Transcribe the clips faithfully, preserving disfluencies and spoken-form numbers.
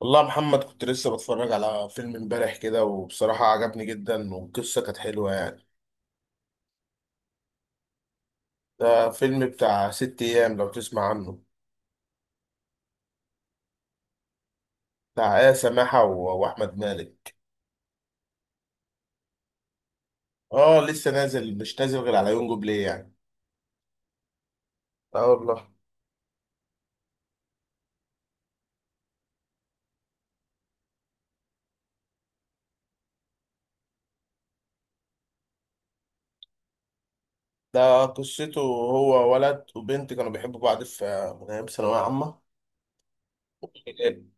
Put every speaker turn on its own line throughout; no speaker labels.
والله يا محمد، كنت لسه بتفرج على فيلم امبارح كده وبصراحة عجبني جدا والقصة كانت حلوة يعني. ده فيلم بتاع ست أيام، لو تسمع عنه. بتاع آية سماحة و- وأحمد مالك. اه، لسه نازل، مش نازل غير على يونجو بلاي يعني. اه والله. ده قصته هو ولد وبنت كانوا بيحبوا بعض في من أيام ثانوية عامة.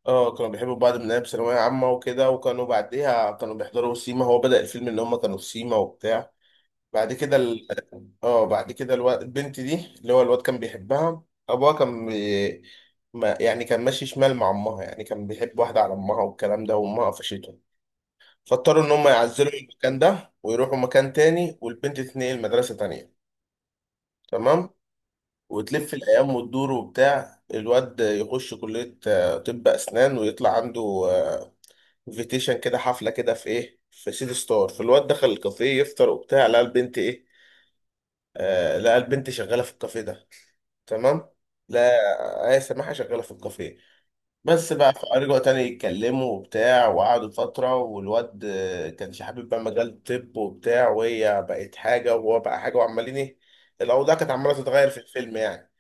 اه، كانوا بيحبوا بعض من أيام ثانوية عامة وكده، وكانوا بعديها كانوا بيحضروا سيما. هو بدأ الفيلم إن هما كانوا في سيما وبتاع. بعد كده، اه بعد كده الواد البنت دي، اللي هو الواد كان بيحبها، ابوها كان بي... ما يعني كان ماشي شمال مع امها، يعني كان بيحب واحده على امها والكلام ده، وامها قفشته. فاضطروا ان هم يعزلوا المكان ده ويروحوا مكان تاني، والبنت تتنقل مدرسه تانية. تمام. وتلف الايام وتدور وبتاع، الواد يخش كليه، آه، طب اسنان، ويطلع عنده انفيتيشن كده، حفله كده في ايه، في سيتي ستار. فالواد دخل الكافيه يفطر وبتاع، لقى البنت ايه، آه لقى البنت شغاله في الكافيه ده. تمام. لا، آية سماحة شغالة في الكافيه. بس بقى، فرجعوا تاني يتكلموا وبتاع وقعدوا فترة، والواد آه، كانش حابب بقى مجال الطب وبتاع، وهي بقت حاجة وهو بقى حاجة وعمالين ايه. الأوضاع كانت عمالة تتغير في الفيلم يعني.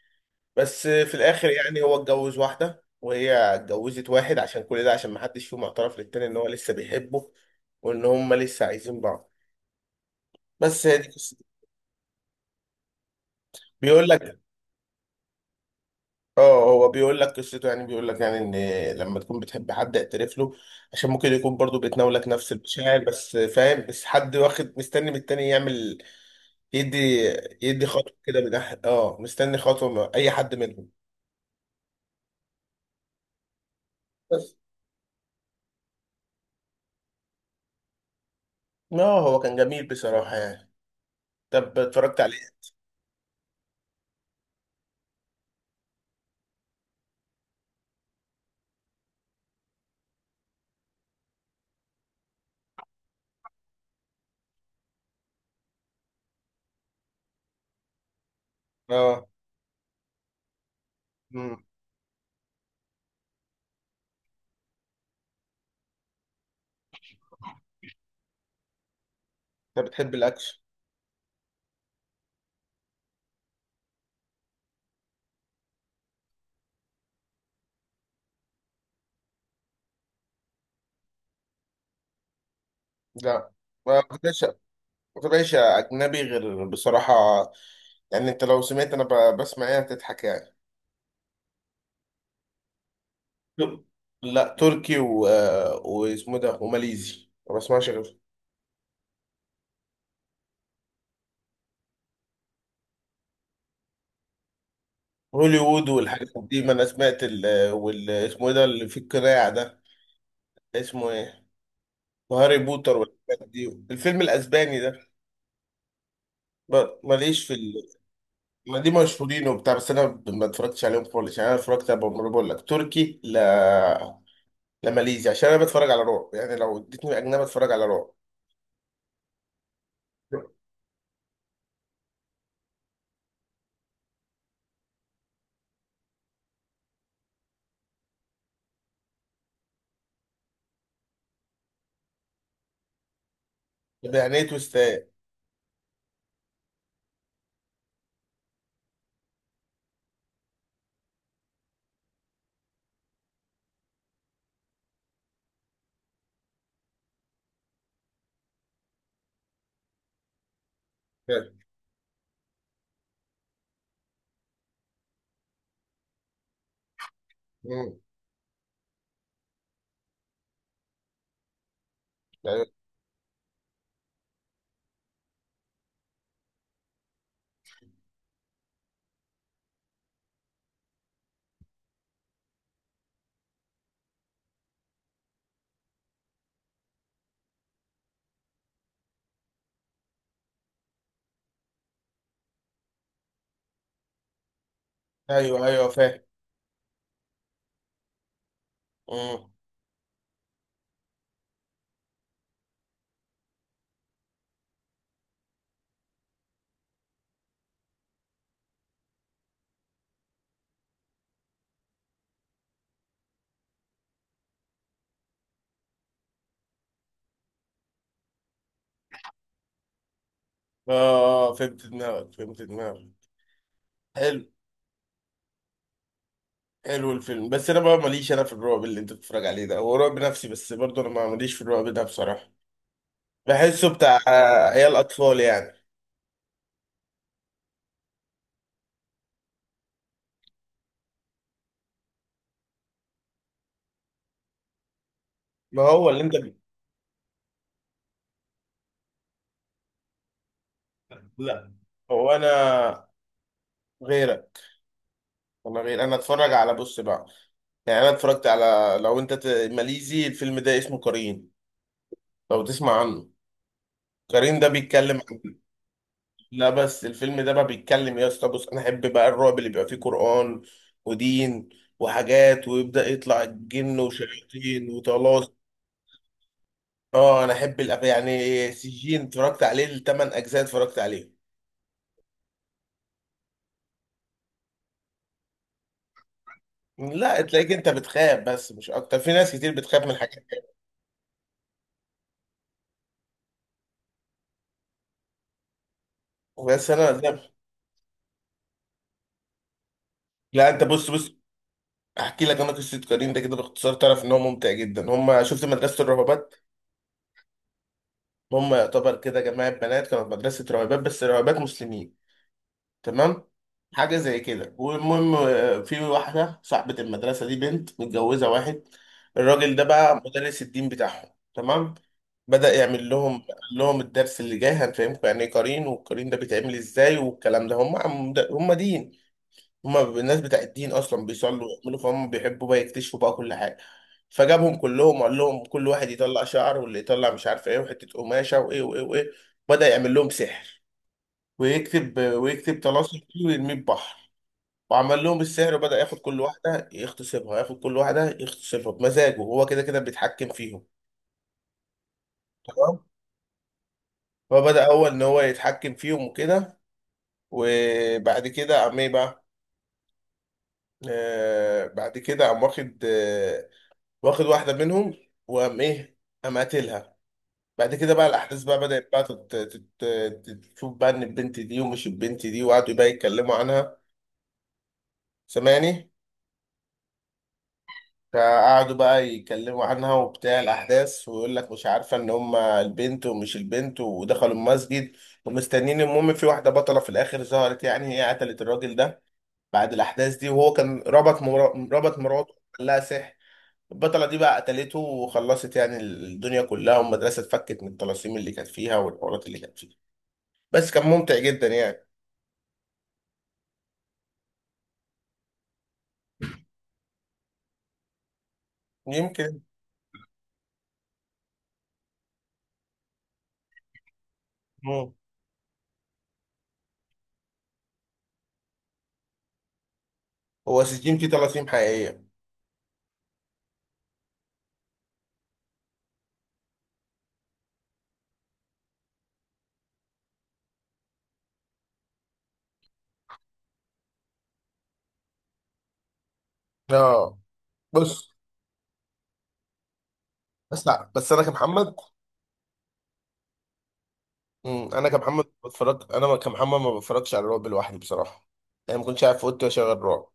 بس آه، في الآخر يعني هو اتجوز واحدة وهي اتجوزت واحد، عشان كل ده عشان محدش فيهم اعترف للتاني إن هو لسه بيحبه. وإن هما لسه عايزين بعض. بس هي دي قصة-. بيقول لك، اه هو بيقول لك قصته، يعني بيقول لك يعني ان لما تكون بتحب حد اعترف له، عشان ممكن يكون برضو بتناولك نفس المشاعر بس، فاهم؟ بس حد واخد مستني من التاني يعمل يدي يدي خطوة كده من أح- اه مستني خطوة من اي حد منهم. بس اه هو كان جميل بصراحة يعني. طب اتفرجت عليه؟ اه. امم انت بتحب الاكشن؟ لا، ما كنتش ما كنتش اجنبي غير بصراحة. يعني انت لو سمعت انا ب- بسمع ايه هتضحك يعني. لا تركي و... آه، واسمه ده وماليزي، ما بسمعش غير. هوليوود والحاجات دي، ما انا سمعت ال... وال... اسمه ايه ده اللي في القناع ده، اسمه ايه. وهاري بوتر والحاجات دي، الفيلم الاسباني ده. ب- ماليش في ال... ما دي مشهورين وبتاع، بس انا ب- ما اتفرجتش عليهم خالص يعني. انا اتفرجت على، بقول بقول لك تركي لا، لا ماليزي، عشان انا بتفرج على رعب. يعني لو اديتني اجنبي اتفرج على رعب. طب يعني ايه تويستات؟ فاهم. مم. ايوه ايوه فاهم. مم. اه فهمت دماغك، فهمت دماغك. حلو. حلو الفيلم. بس انا بقى ماليش انا في الرعب اللي انت بتتفرج عليه ده، هو رعب نفسي بس برضه انا ما ماليش في الرعب ده بصراحه. بحسه بتاع آه، عيال اطفال يعني. ما هو اللي انت ب... لا، هو انا غيرك، انا غير. انا اتفرج على، بص بقى، يعني انا اتفرجت على، لو انت ت... ماليزي، الفيلم ده اسمه قرين، لو تسمع عنه. قرين ده بيتكلم. لا بس الفيلم ده بقى بيتكلم إيه يا اسطى. بص، انا احب بقى الرعب اللي بيبقى فيه قرآن ودين وحاجات، ويبدأ يطلع الجن وشياطين وطلاسم. اه انا احب الأف- يعني سجين، اتفرجت عليه الثمان اجزاء، اتفرجت عليه. لا، تلاقيك انت بتخاف بس مش اكتر، في ناس كتير بتخاف من الحاجات دي. بس انا لا. لا، انت بص بص. احكي لك انا قصه كريم ده كده باختصار، تعرف ان هو ممتع جدا. هم شفت مدرسه الراهبات، هم يعتبر كده جماعه بنات كانوا في مدرسه راهبات، بس راهبات مسلمين. تمام. حاجه زي كده، والمهم آه، في واحده صاحبه المدرسه دي بنت متجوزه واحد. الراجل ده بقى مدرس الدين بتاعهم. تمام. بدأ يعمل لهم، قال لهم الدرس اللي جاي هنفهمكم يعني ايه قرين والقرين ده بيتعمل ازاي والكلام ده. هم عم- هم دين، هم الناس بتاع الدين اصلا بيصلوا ويعملوا، فهم بيحبوا بقى يكتشفوا بقى كل حاجه. فجابهم كلهم وقال لهم كل واحد يطلع شعر، واللي يطلع مش عارف ايه وحته قماشه وايه وايه وايه. بدأ يعمل لهم سحر، ويكتب ويكتب طلاسم فيه ويرميه في بحر. وعمل لهم السحر، وبدأ ياخد كل واحدة يغتصبها، ياخد كل واحدة يغتصبها بمزاجه هو كده، كده بيتحكم فيهم. تمام. فبدأ هو إن هو يتحكم فيهم وكده. وبعد كده قام إيه بقى، آه بعد كده قام واخد آه واخد واحدة منهم، وقام إيه، قام قاتلها. بعد كده بقى الأحداث بقى بدأت بقى تت- تت- تت- تشوف بقى إن البنت دي ومش البنت دي، وقعدوا بقى يتكلموا عنها. سامعني؟ فقعدوا بقى يتكلموا عنها وبتاع الأحداث، ويقول لك مش عارفة إن هما البنت ومش البنت، ودخلوا المسجد ومستنيين. المهم في واحدة بطلة في الآخر ظهرت، يعني هي قتلت الراجل ده بعد الأحداث دي، وهو كان ربط مرا- ربط مراته قال لها سحر. البطلة دي بقى قتلته وخلصت يعني الدنيا كلها، والمدرسة اتفكت من الطلاسيم اللي كانت فيها والحوارات اللي كانت فيها. بس كان ممتع جدا يعني. يمكن. مم. هو سجين فيه طلاسيم حقيقية. اه. بص، بس لا، بس انا كمحمد. مم. انا كمحمد ما بتفرج انا كمحمد ما بتفرجش على الرعب لوحدي بصراحه. يعني ما كنتش قاعد في اوضتي واشغل رعب.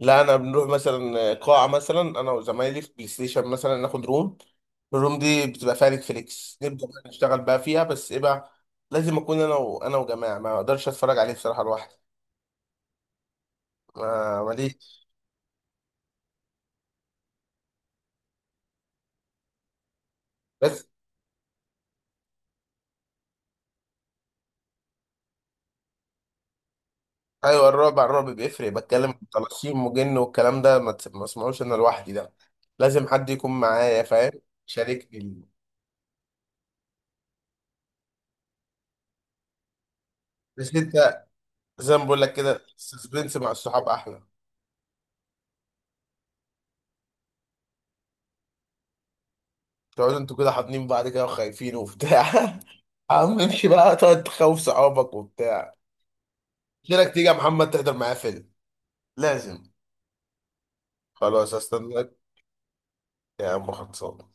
لا انا بنروح مثلا قاعه، مثلا انا وزمايلي في بلاي ستيشن مثلا ناخد روم، الروم دي بتبقى فيها نتفليكس، نبدا بقى نشتغل بقى فيها. بس ايه بقى، لازم اكون انا وانا وجماعه، ما اقدرش اتفرج عليه بصراحه لوحدي. ما ماليش بس ايوه، الرعب على الرعب بيفرق. بتكلم في طلاسيم وجن والكلام ده، ما تس- ما اسمعوش انا لوحدي ده. لازم حد يكون معايا، فاهم؟ شاركني. بس انت زي ما بقول لك كده، السسبنس مع الصحاب احلى. تقعدوا انتوا كده حاضنين بعض كده وخايفين وبتاع عم امشي بقى تقعد تخوف صحابك وبتاع. لك تيجي يا محمد تحضر معايا فيلم. لازم. خلاص استناك. يا عم خلصان.